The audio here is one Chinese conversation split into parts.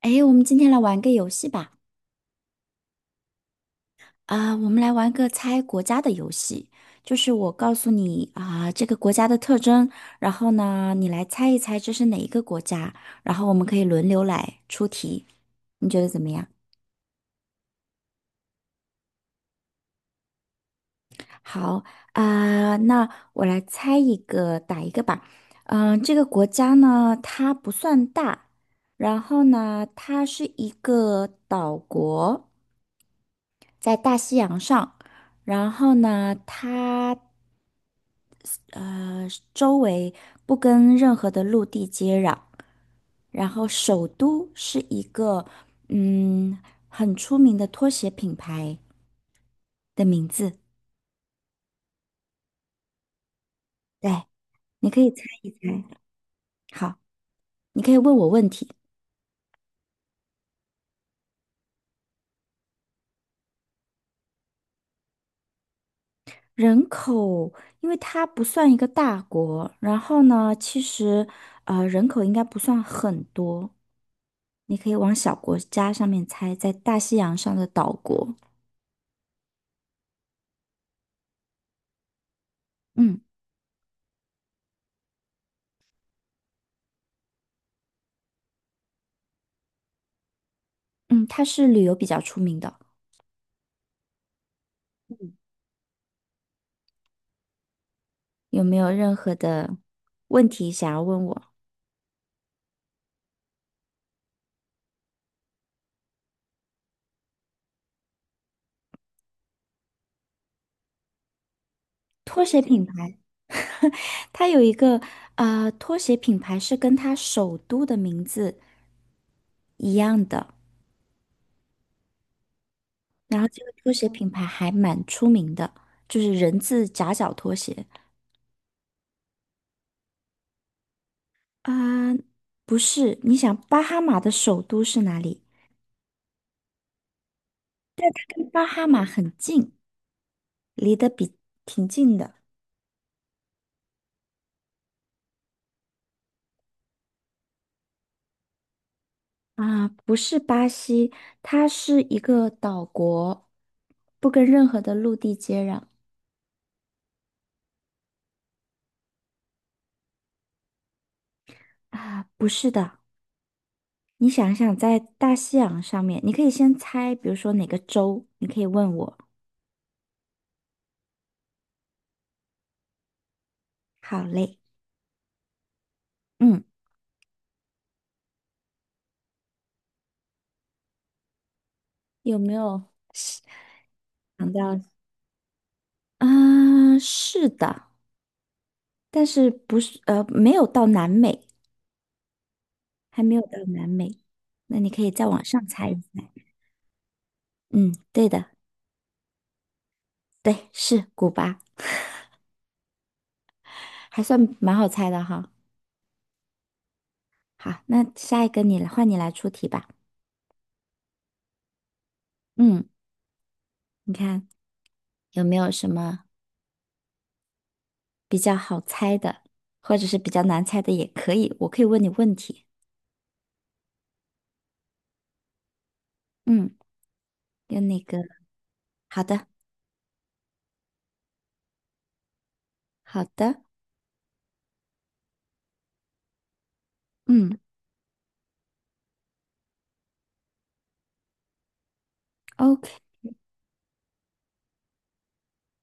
哎，我们今天来玩个游戏吧。我们来玩个猜国家的游戏，就是我告诉你这个国家的特征，然后呢，你来猜一猜这是哪一个国家，然后我们可以轮流来出题，你觉得怎么样？好啊、那我来猜一个，打一个吧。这个国家呢，它不算大，然后呢，它是一个岛国，在大西洋上。然后呢，它呃，周围不跟任何的陆地接壤，然后首都是一个嗯很出名的拖鞋品牌的名字。对，你可以猜一猜。好，你可以问我问题。人口，因为它不算一个大国，然后呢，其实人口应该不算很多，你可以往小国家上面猜，在大西洋上的岛国。嗯嗯，它是旅游比较出名的。有没有任何的问题想要问我？拖鞋品牌，它有一个拖鞋品牌是跟它首都的名字一样的，然后这个拖鞋品牌还蛮出名的，就是人字夹脚拖鞋。啊、不是，你想巴哈马的首都是哪里？跟巴哈马很近，离得比挺近的。啊，不是巴西，它是一个岛国，不跟任何的陆地接壤。啊，不是的，你想想，在大西洋上面，你可以先猜，比如说哪个州，你可以问我。好嘞，嗯，有没有是想到，啊，是的，但是不是，没有到南美，还没有到南美，那你可以再往上猜一猜。嗯，对的，对，是古巴，还算蛮好猜的哈。好，那下一个你来，换你来出题吧。嗯，你看有没有什么？比较好猜的，或者是比较难猜的也可以，我可以问你问题。嗯，跟那个，好的，好的，嗯，OK。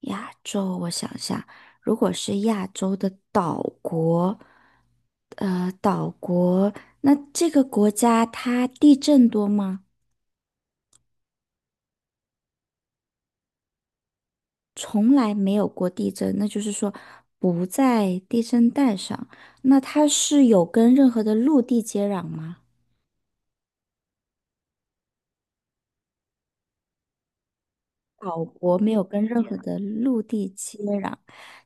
亚洲，我想想，如果是亚洲的岛国，岛国，那这个国家它地震多吗？从来没有过地震，那就是说不在地震带上。那它是有跟任何的陆地接壤吗？岛国没有跟任何的陆地接壤。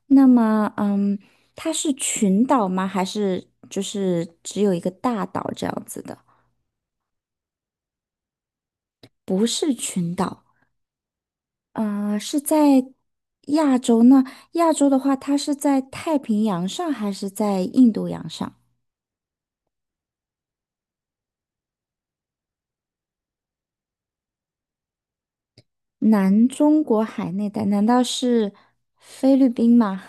那么，嗯，它是群岛吗？还是就是只有一个大岛这样子的？不是群岛，啊，是在亚洲呢？亚洲的话，它是在太平洋上还是在印度洋上？南中国海那带，难道是菲律宾吗？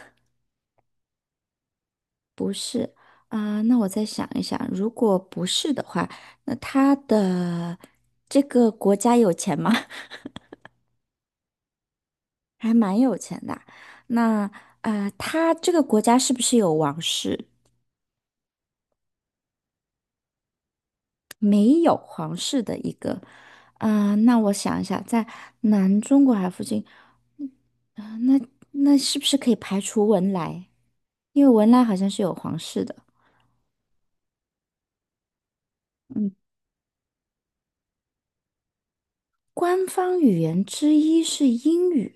那我再想一想，如果不是的话，那它的这个国家有钱吗？还蛮有钱的啊那他这个国家是不是有王室？没有皇室的一个。那我想一下，在南中国海附近，啊、那那是不是可以排除文莱？因为文莱好像是有皇室的。官方语言之一是英语。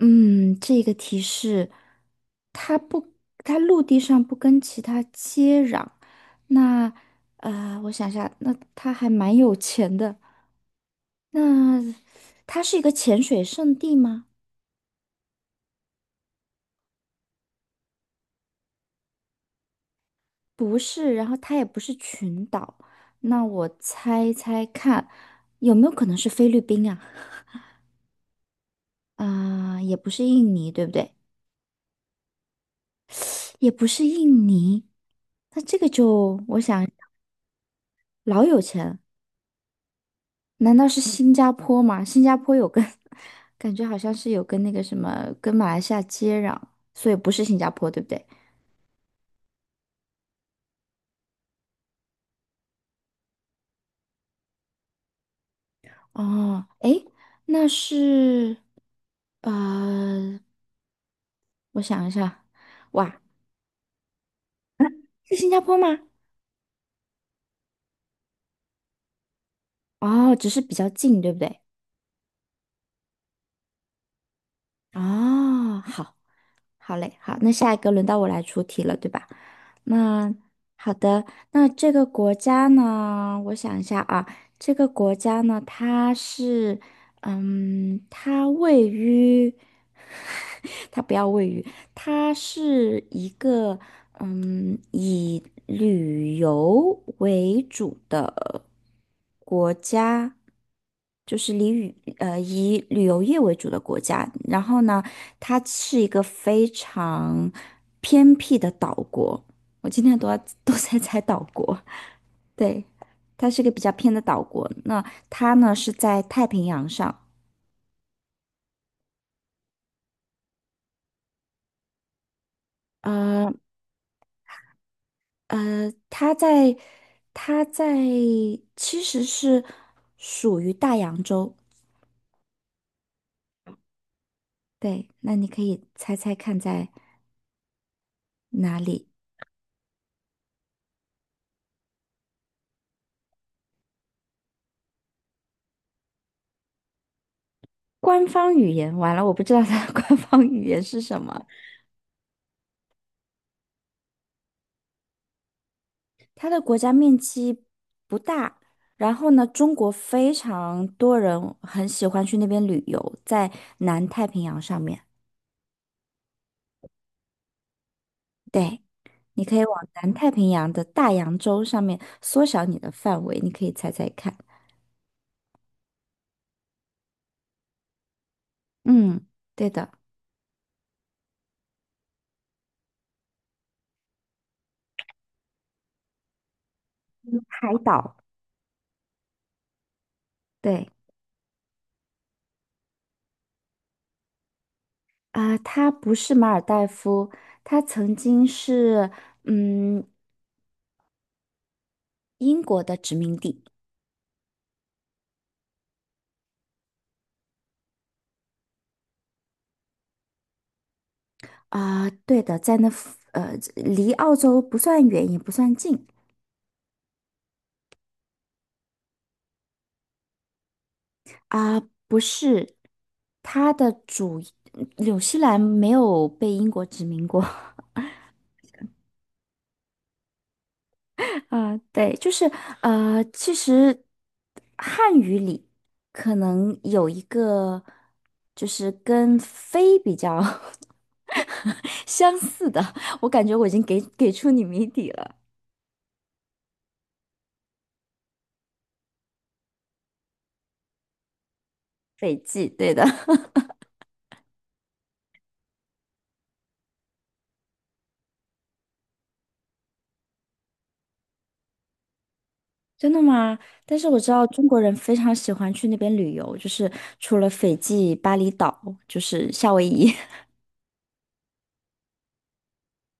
嗯，这个提示，它不，它陆地上不跟其他接壤。那，我想一下，那它还蛮有钱的。那它是一个潜水圣地吗？不是，然后它也不是群岛。那我猜猜看，有没有可能是菲律宾啊？啊、也不是印尼，对不对？也不是印尼。那这个就，我想。老有钱，难道是新加坡吗？新加坡有跟，感觉好像是有跟那个什么，跟马来西亚接壤，所以不是新加坡，对不对？哦，诶，那是，呃，我想一下，哇，是新加坡吗？哦，只是比较近，对不对？哦，好。好嘞，好，那下一个轮到我来出题了，对吧？那好的，那这个国家呢，我想一下啊，这个国家呢，它是，嗯，它位于，它不要位于，它是一个以旅游为主的国家，就是以旅游业为主的国家。然后呢，它是一个非常偏僻的岛国。我今天都要都在猜岛国，对，它是个比较偏的岛国。那它呢是在太平洋上，呃它在它在其实是属于大洋洲。对，那你可以猜猜看在哪里？官方语言，完了，我不知道它的 官方语言是什么。它的国家面积不大，然后呢，中国非常多人很喜欢去那边旅游，在南太平洋上面。对，你可以往南太平洋的大洋洲上面缩小你的范围，你可以猜猜看。嗯，对的，嗯海岛。对啊，它不是马尔代夫，它曾经是嗯英国的殖民地对的，在那附呃，离澳洲不算远，也不算近啊、不是，它的主纽西兰没有被英国殖民过 啊、对，就是其实汉语里可能有一个就是跟非比较 相似的，我感觉我已经给出你谜底了，斐济，对的。真的吗？但是我知道中国人非常喜欢去那边旅游，就是除了斐济、巴厘岛，就是夏威夷，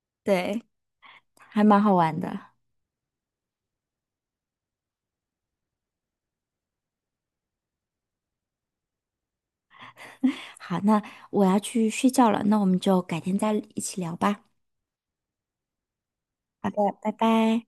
对，还蛮好玩的。好，那我要去睡觉了，那我们就改天再一起聊吧。好的，拜拜。